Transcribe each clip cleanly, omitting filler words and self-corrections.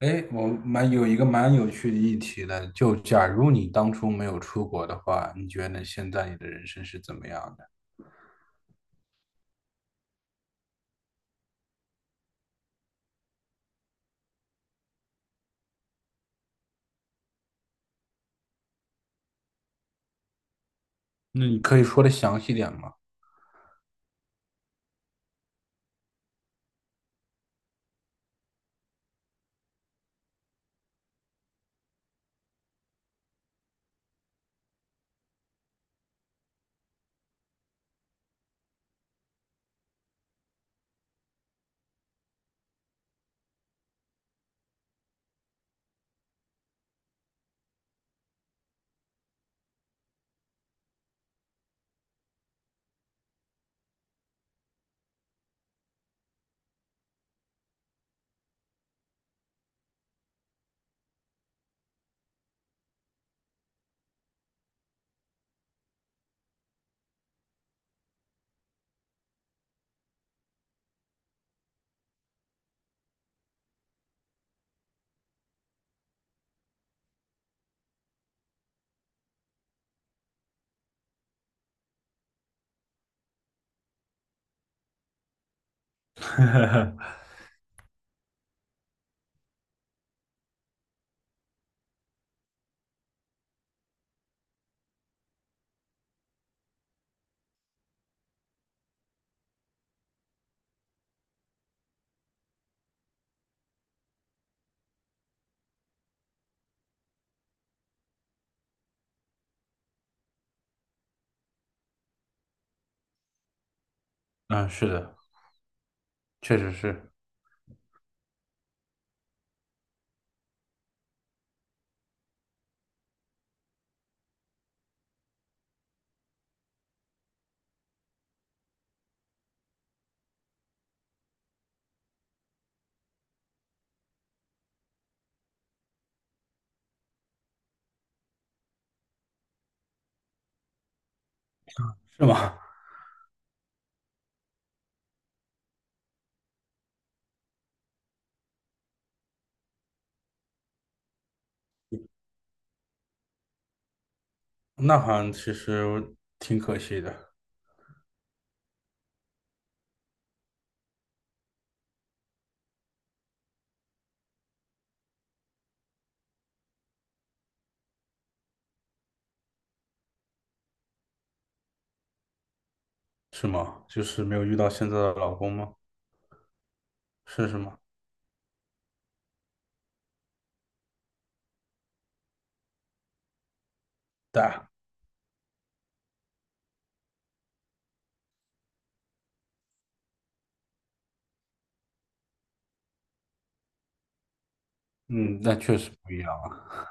哎，我一个蛮有趣的议题的，就假如你当初没有出国的话，你觉得现在你的人生是怎么样的？那你可以说的详细点吗？嗯，是的，确实是。是吗 那好像其实挺可惜的。是吗？就是没有遇到现在的老公吗？是吗？对啊。嗯，那确实不一样啊。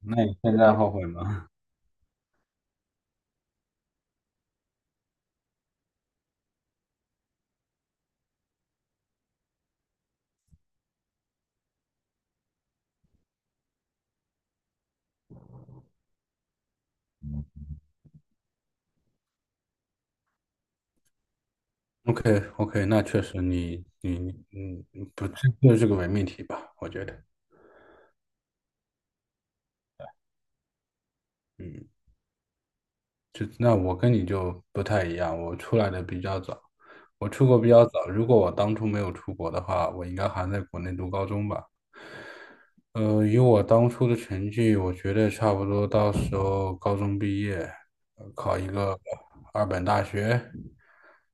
那你现在后悔吗？OK OK，那确实你你你嗯，不，这就是个伪命题吧？我觉得。嗯。就那我跟你就不太一样，我出来的比较早，我出国比较早。如果我当初没有出国的话，我应该还在国内读高中吧。以我当初的成绩，我觉得差不多到时候高中毕业，考一个二本大学，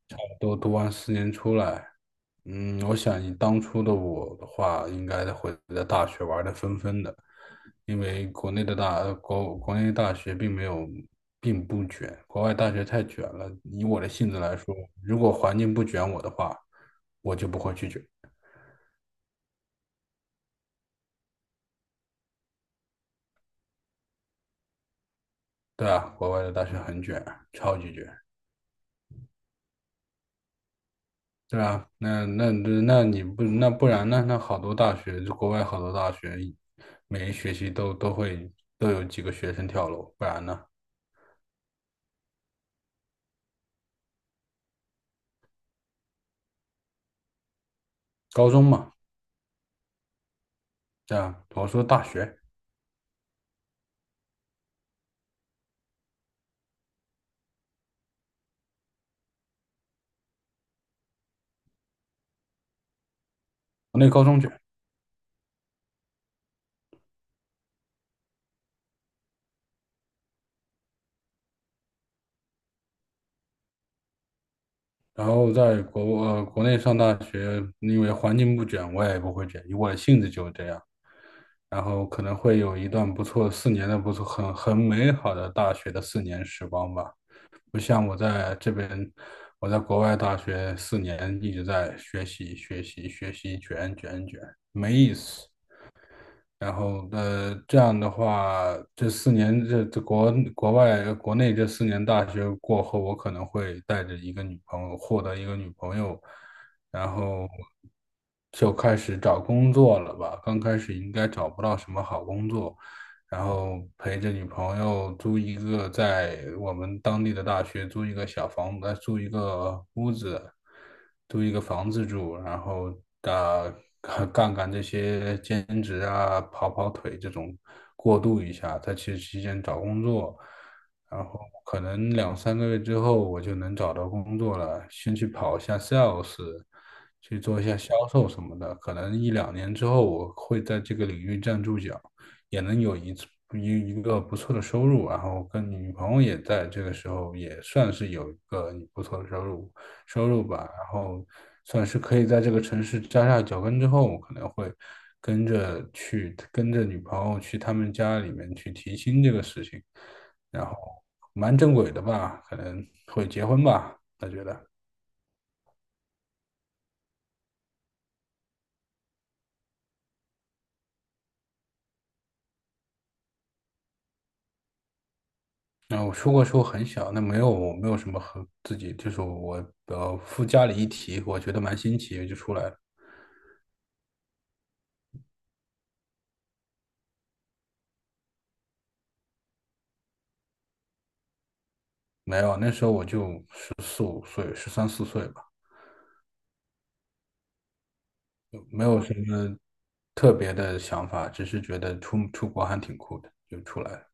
差不多读完四年出来。我想以当初的我的话，应该会在大学玩的疯疯的。因为国内的大，呃国国内大学并没有，并不卷，国外大学太卷了。以我的性子来说，如果环境不卷我的话，我就不会去卷。对啊，国外的大学很卷，超级卷。对啊，那你不然呢？那好多大学，就国外好多大学，每一学期都有几个学生跳楼，不然呢？高中嘛，对啊，我说大学，国内高中卷。然后在国内上大学，因为环境不卷，我也不会卷，因为我的性子就是这样，然后可能会有一段不错四年的不错很美好的大学的4年时光吧。不像我在这边，我在国外大学四年一直在学习学习学习卷卷卷，没意思。然后，这样的话，这四年这这国国外国内这四年大学过后，我可能会带着一个女朋友，获得一个女朋友，然后就开始找工作了吧。刚开始应该找不到什么好工作，然后陪着女朋友租一个在我们当地的大学租一个小房，子，租一个屋子，租一个房子住，然后啊干干这些兼职啊，跑跑腿这种过渡一下，在其实期间找工作，然后可能2、3个月之后我就能找到工作了，先去跑一下 sales。去做一下销售什么的，可能1、2年之后我会在这个领域站住脚。也能有一次一一个不错的收入，然后跟女朋友也在这个时候也算是有一个不错的收入吧，然后算是可以在这个城市扎下脚跟之后，我可能会跟着女朋友去他们家里面去提亲这个事情，然后蛮正轨的吧，可能会结婚吧，我觉得。然后我出国时候很小，那没有什么和自己，就是我附加了一提，我觉得蛮新奇，就出来了。没有，那时候我就14、15岁，13、14岁吧，没有什么特别的想法，只是觉得出国还挺酷的，就出来了。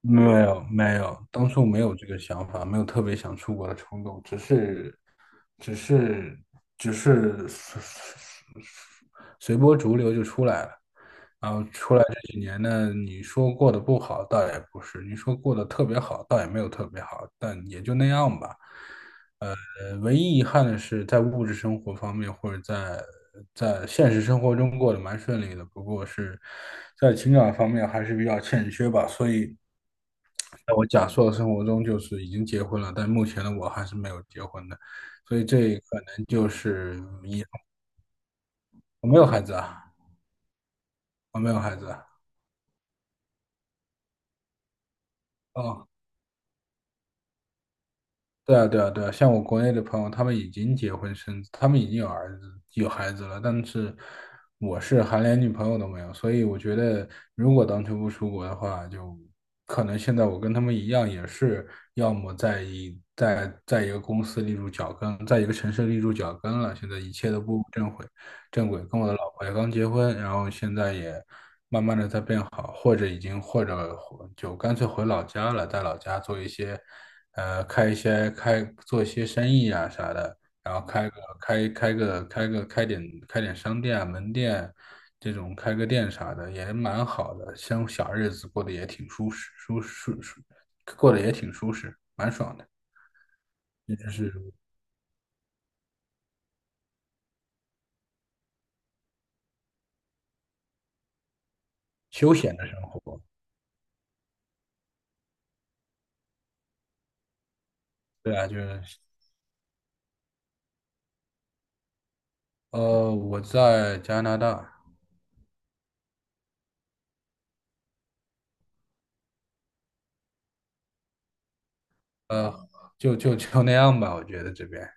没有，没有，当初没有这个想法，没有特别想出国的冲动，只是，只是，只是随波逐流就出来了。然后出来这几年呢，你说过得不好，倒也不是；你说过得特别好，倒也没有特别好，但也就那样吧。唯一遗憾的是，在物质生活方面，或者在现实生活中过得蛮顺利的，不过是在情感方面还是比较欠缺吧。所以，在我假设的生活中，就是已经结婚了，但目前的我还是没有结婚的，所以这可能就是遗憾。我没有孩子啊，我没有孩子啊。哦，对啊，对啊，对啊，像我国内的朋友，他们已经结婚生子，他们已经有儿子、有孩子了，但是我是还连女朋友都没有，所以我觉得，如果当初不出国的话，就可能现在我跟他们一样，也是要么在一个公司立住脚跟，在一个城市立住脚跟了，现在一切都步入正轨，正轨。跟我的老婆也刚结婚，然后现在也慢慢的在变好，或者就干脆回老家了，在老家做一些。开一些开做一些生意啊啥的，然后开开个开个开点开点商店啊门店，这种开个店啥的也蛮好的，像小日子过得也挺舒适，蛮爽的。这就是休闲的生活。对啊，就是我在加拿大。呃，就那样吧，我觉得这边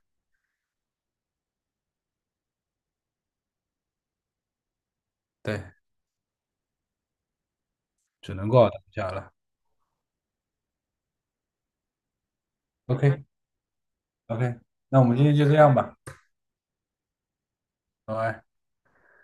对，只能过到当下了。OK OK，那我们今天就这样吧，拜拜。